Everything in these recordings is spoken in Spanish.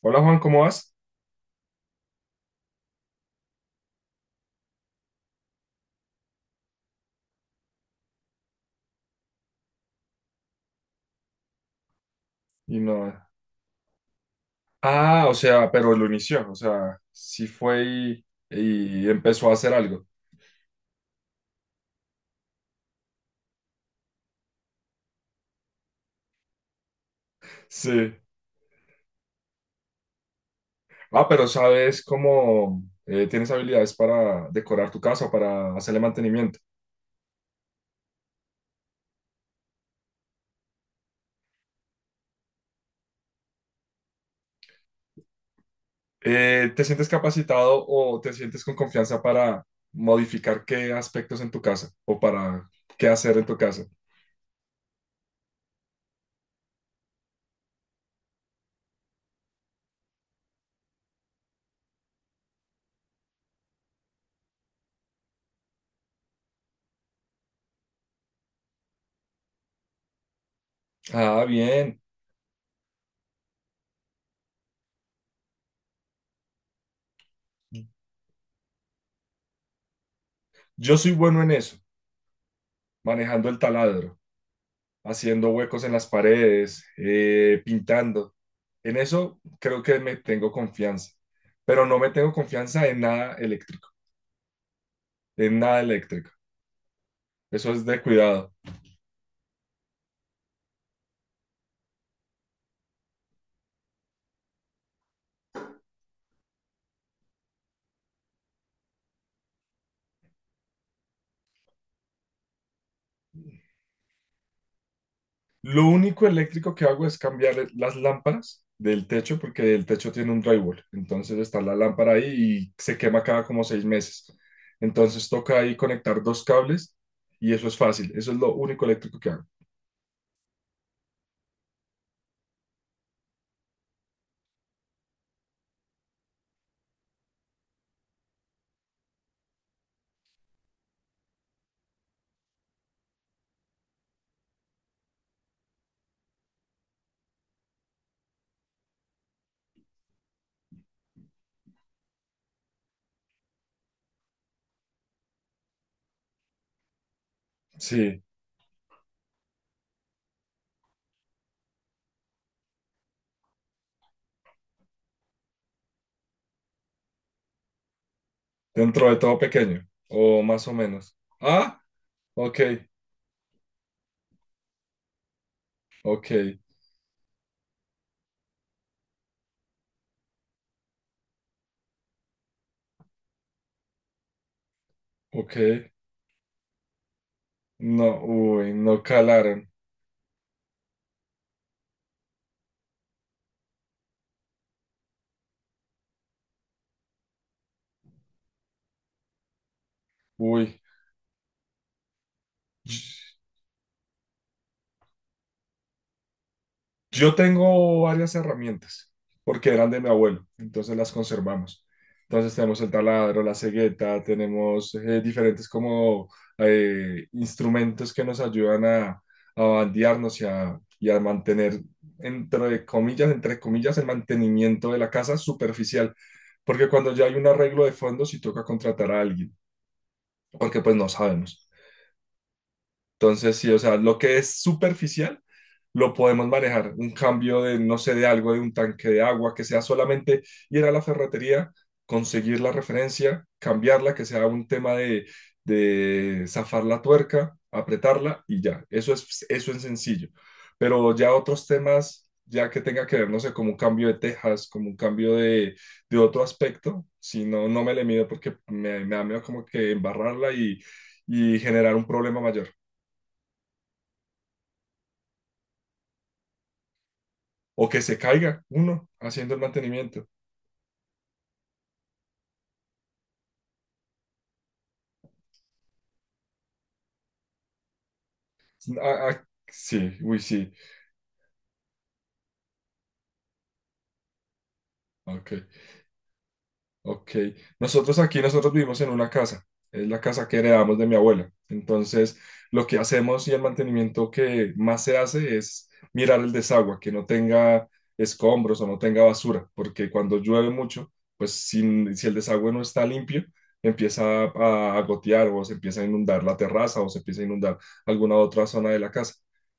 Hola Juan, ¿cómo vas? Y no. Ah, o sea, pero lo inició, o sea, sí fue y empezó a hacer algo. Sí. Ah, pero ¿sabes cómo tienes habilidades para decorar tu casa o para hacerle mantenimiento? ¿Te sientes capacitado o te sientes con confianza para modificar qué aspectos en tu casa o para qué hacer en tu casa? Ah, bien. Yo soy bueno en eso, manejando el taladro, haciendo huecos en las paredes, pintando. En eso creo que me tengo confianza, pero no me tengo confianza en nada eléctrico, en nada eléctrico. Eso es de cuidado. Lo único eléctrico que hago es cambiar las lámparas del techo porque el techo tiene un drywall. Entonces está la lámpara ahí y se quema cada como seis meses. Entonces toca ahí conectar dos cables y eso es fácil. Eso es lo único eléctrico que hago. Sí, dentro de todo pequeño o más o menos. Ah, ok, ok, ok. No, uy, no calaron. Uy, ch- yo tengo varias herramientas porque eran de mi abuelo, entonces las conservamos. Entonces tenemos el taladro, la cegueta, tenemos diferentes como instrumentos que nos ayudan a bandearnos y a mantener, entre comillas, el mantenimiento de la casa superficial, porque cuando ya hay un arreglo de fondo, sí toca contratar a alguien, porque pues no sabemos. Entonces, sí, o sea, lo que es superficial lo podemos manejar. Un cambio de, no sé, de algo, de un tanque de agua, que sea solamente ir a la ferretería, conseguir la referencia, cambiarla, que sea un tema de zafar la tuerca, apretarla y ya. Eso es sencillo. Pero ya otros temas, ya que tenga que ver, no sé, como un cambio de tejas, como un cambio de otro aspecto, si no, no me le mido porque me da miedo como que embarrarla y generar un problema mayor. O que se caiga uno haciendo el mantenimiento. Ah, ah, sí, uy, sí, ok. Ok, nosotros aquí, nosotros vivimos en una casa, es la casa que heredamos de mi abuela. Entonces, lo que hacemos y el mantenimiento que más se hace es mirar el desagüe, que no tenga escombros o no tenga basura, porque cuando llueve mucho, pues si, si el desagüe no está limpio, empieza a gotear o se empieza a inundar la terraza o se empieza a inundar alguna otra zona de la casa.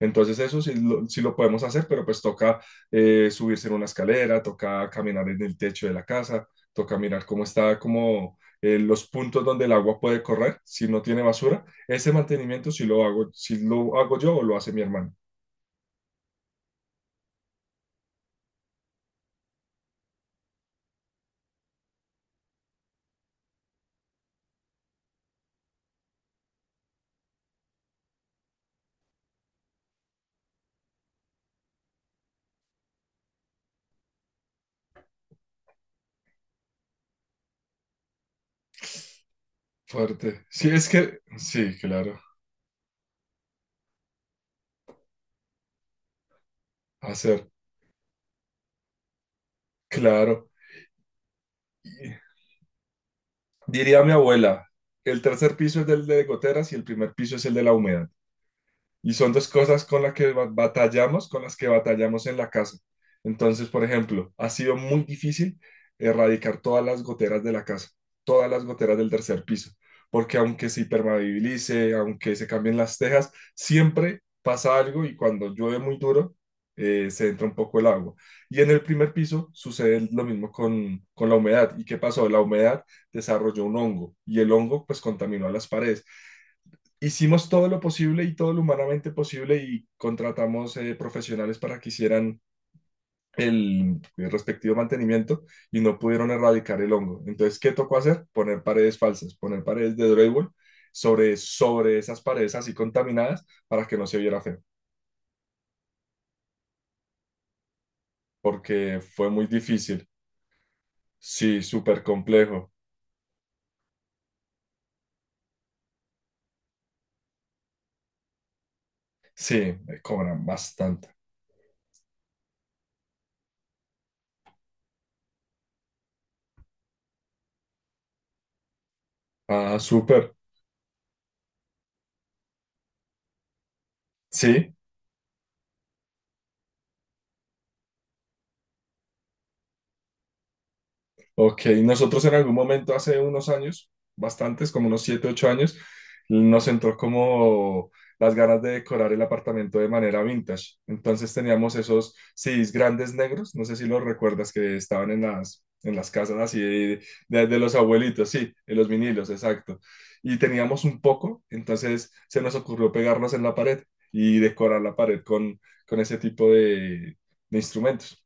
Entonces eso sí lo podemos hacer, pero pues toca subirse en una escalera, toca caminar en el techo de la casa toca mirar cómo está, como los puntos donde el agua puede correr, si no tiene basura. Ese mantenimiento si lo hago, si lo hago yo o lo hace mi hermano. Fuerte. Sí, es que, sí, claro, hacer, claro. Y diría mi abuela, el tercer piso es el de goteras y el primer piso es el de la humedad. Y son dos cosas con las que batallamos, con las que batallamos en la casa. Entonces, por ejemplo, ha sido muy difícil erradicar todas las goteras de la casa, todas las goteras del tercer piso, porque aunque se impermeabilice, aunque se cambien las tejas, siempre pasa algo y cuando llueve muy duro, se entra un poco el agua. Y en el primer piso sucede lo mismo con la humedad. ¿Y qué pasó? La humedad desarrolló un hongo y el hongo pues contaminó a las paredes hicimos todo lo posible y todo lo humanamente posible y contratamos profesionales para que hicieran el respectivo mantenimiento y no pudieron erradicar el hongo. Entonces, ¿qué tocó hacer? Poner paredes falsas, poner paredes de drywall sobre, sobre esas paredes así contaminadas para que no se viera feo, porque fue muy difícil. Sí, súper complejo. Sí, me cobran bastante. Ah, súper. Sí, ok, nosotros en algún momento hace unos años, bastantes, como unos 7, 8 años, nos entró como las ganas de decorar el apartamento de manera vintage. Entonces teníamos esos CDs grandes negros, no sé si los recuerdas, que estaban en las casas así de, de los abuelitos, sí, en los vinilos, exacto. Y teníamos un poco, entonces se nos ocurrió pegarlos en la pared y decorar la pared con ese tipo de instrumentos.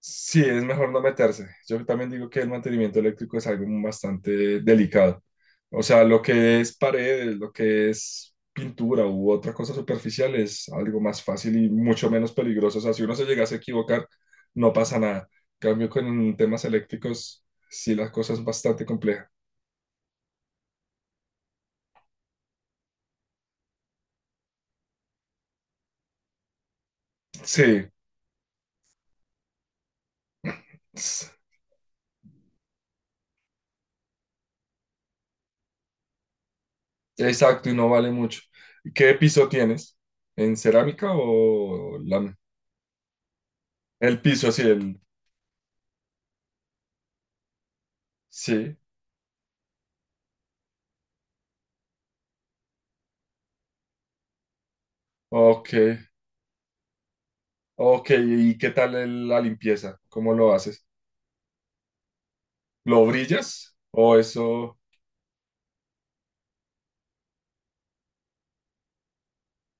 Sí, es mejor no meterse. Yo también digo que el mantenimiento eléctrico es algo bastante delicado. O sea, lo que es paredes, lo que es pintura u otra cosa superficial es algo más fácil y mucho menos peligroso. O sea, si uno se llegase a equivocar, no pasa nada. En cambio, con temas eléctricos, sí, la cosa es bastante compleja. Sí, s- exacto, y no vale mucho. ¿Qué piso tienes? ¿En cerámica o lámina? El piso, sí, el... Sí, ok. Ok, ¿y qué tal la limpieza? ¿Cómo lo haces? ¿Lo brillas? ¿O eso?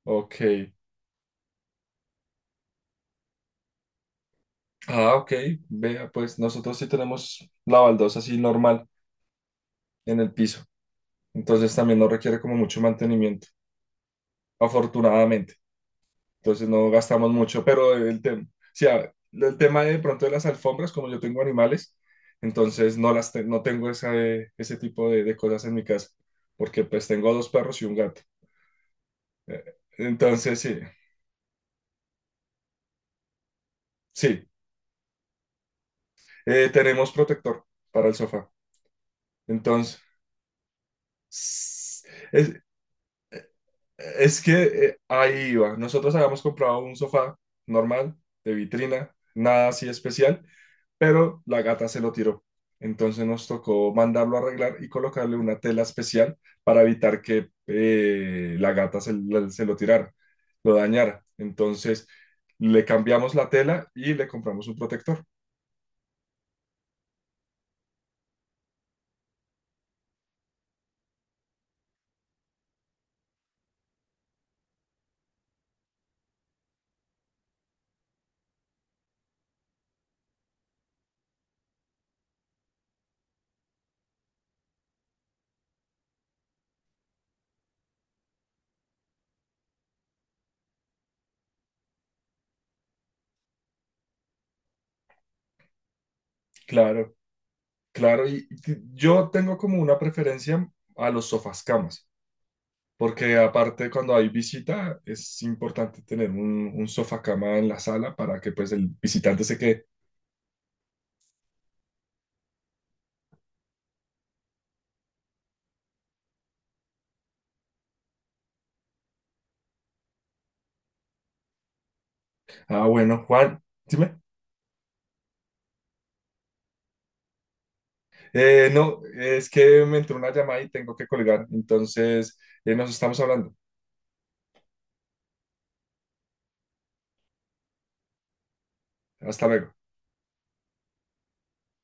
Ok. Ah, ok. Vea, pues nosotros sí tenemos la baldosa así normal en el piso. Entonces también no requiere como mucho mantenimiento, afortunadamente. Entonces no gastamos mucho, pero el tema, o sea, el tema de pronto de las alfombras, como yo tengo animales, entonces no tengo esa, ese tipo de cosas en mi casa, porque pues tengo dos perros y un gato. Entonces sí. Sí, tenemos protector para el sofá. Entonces, es, es que ahí iba. Nosotros habíamos comprado un sofá normal, de vitrina, nada así especial, pero la gata se lo tiró. Entonces nos tocó mandarlo a arreglar y colocarle una tela especial para evitar que la gata se lo tirara, lo dañara. Entonces le cambiamos la tela y le compramos un protector. Claro. Claro, y yo tengo como una preferencia a los sofás camas, porque aparte cuando hay visita es importante tener un sofá cama en la sala para que pues el visitante se quede. Ah, bueno, Juan, dime. No, es que me entró una llamada y tengo que colgar, entonces nos estamos hablando. Hasta luego.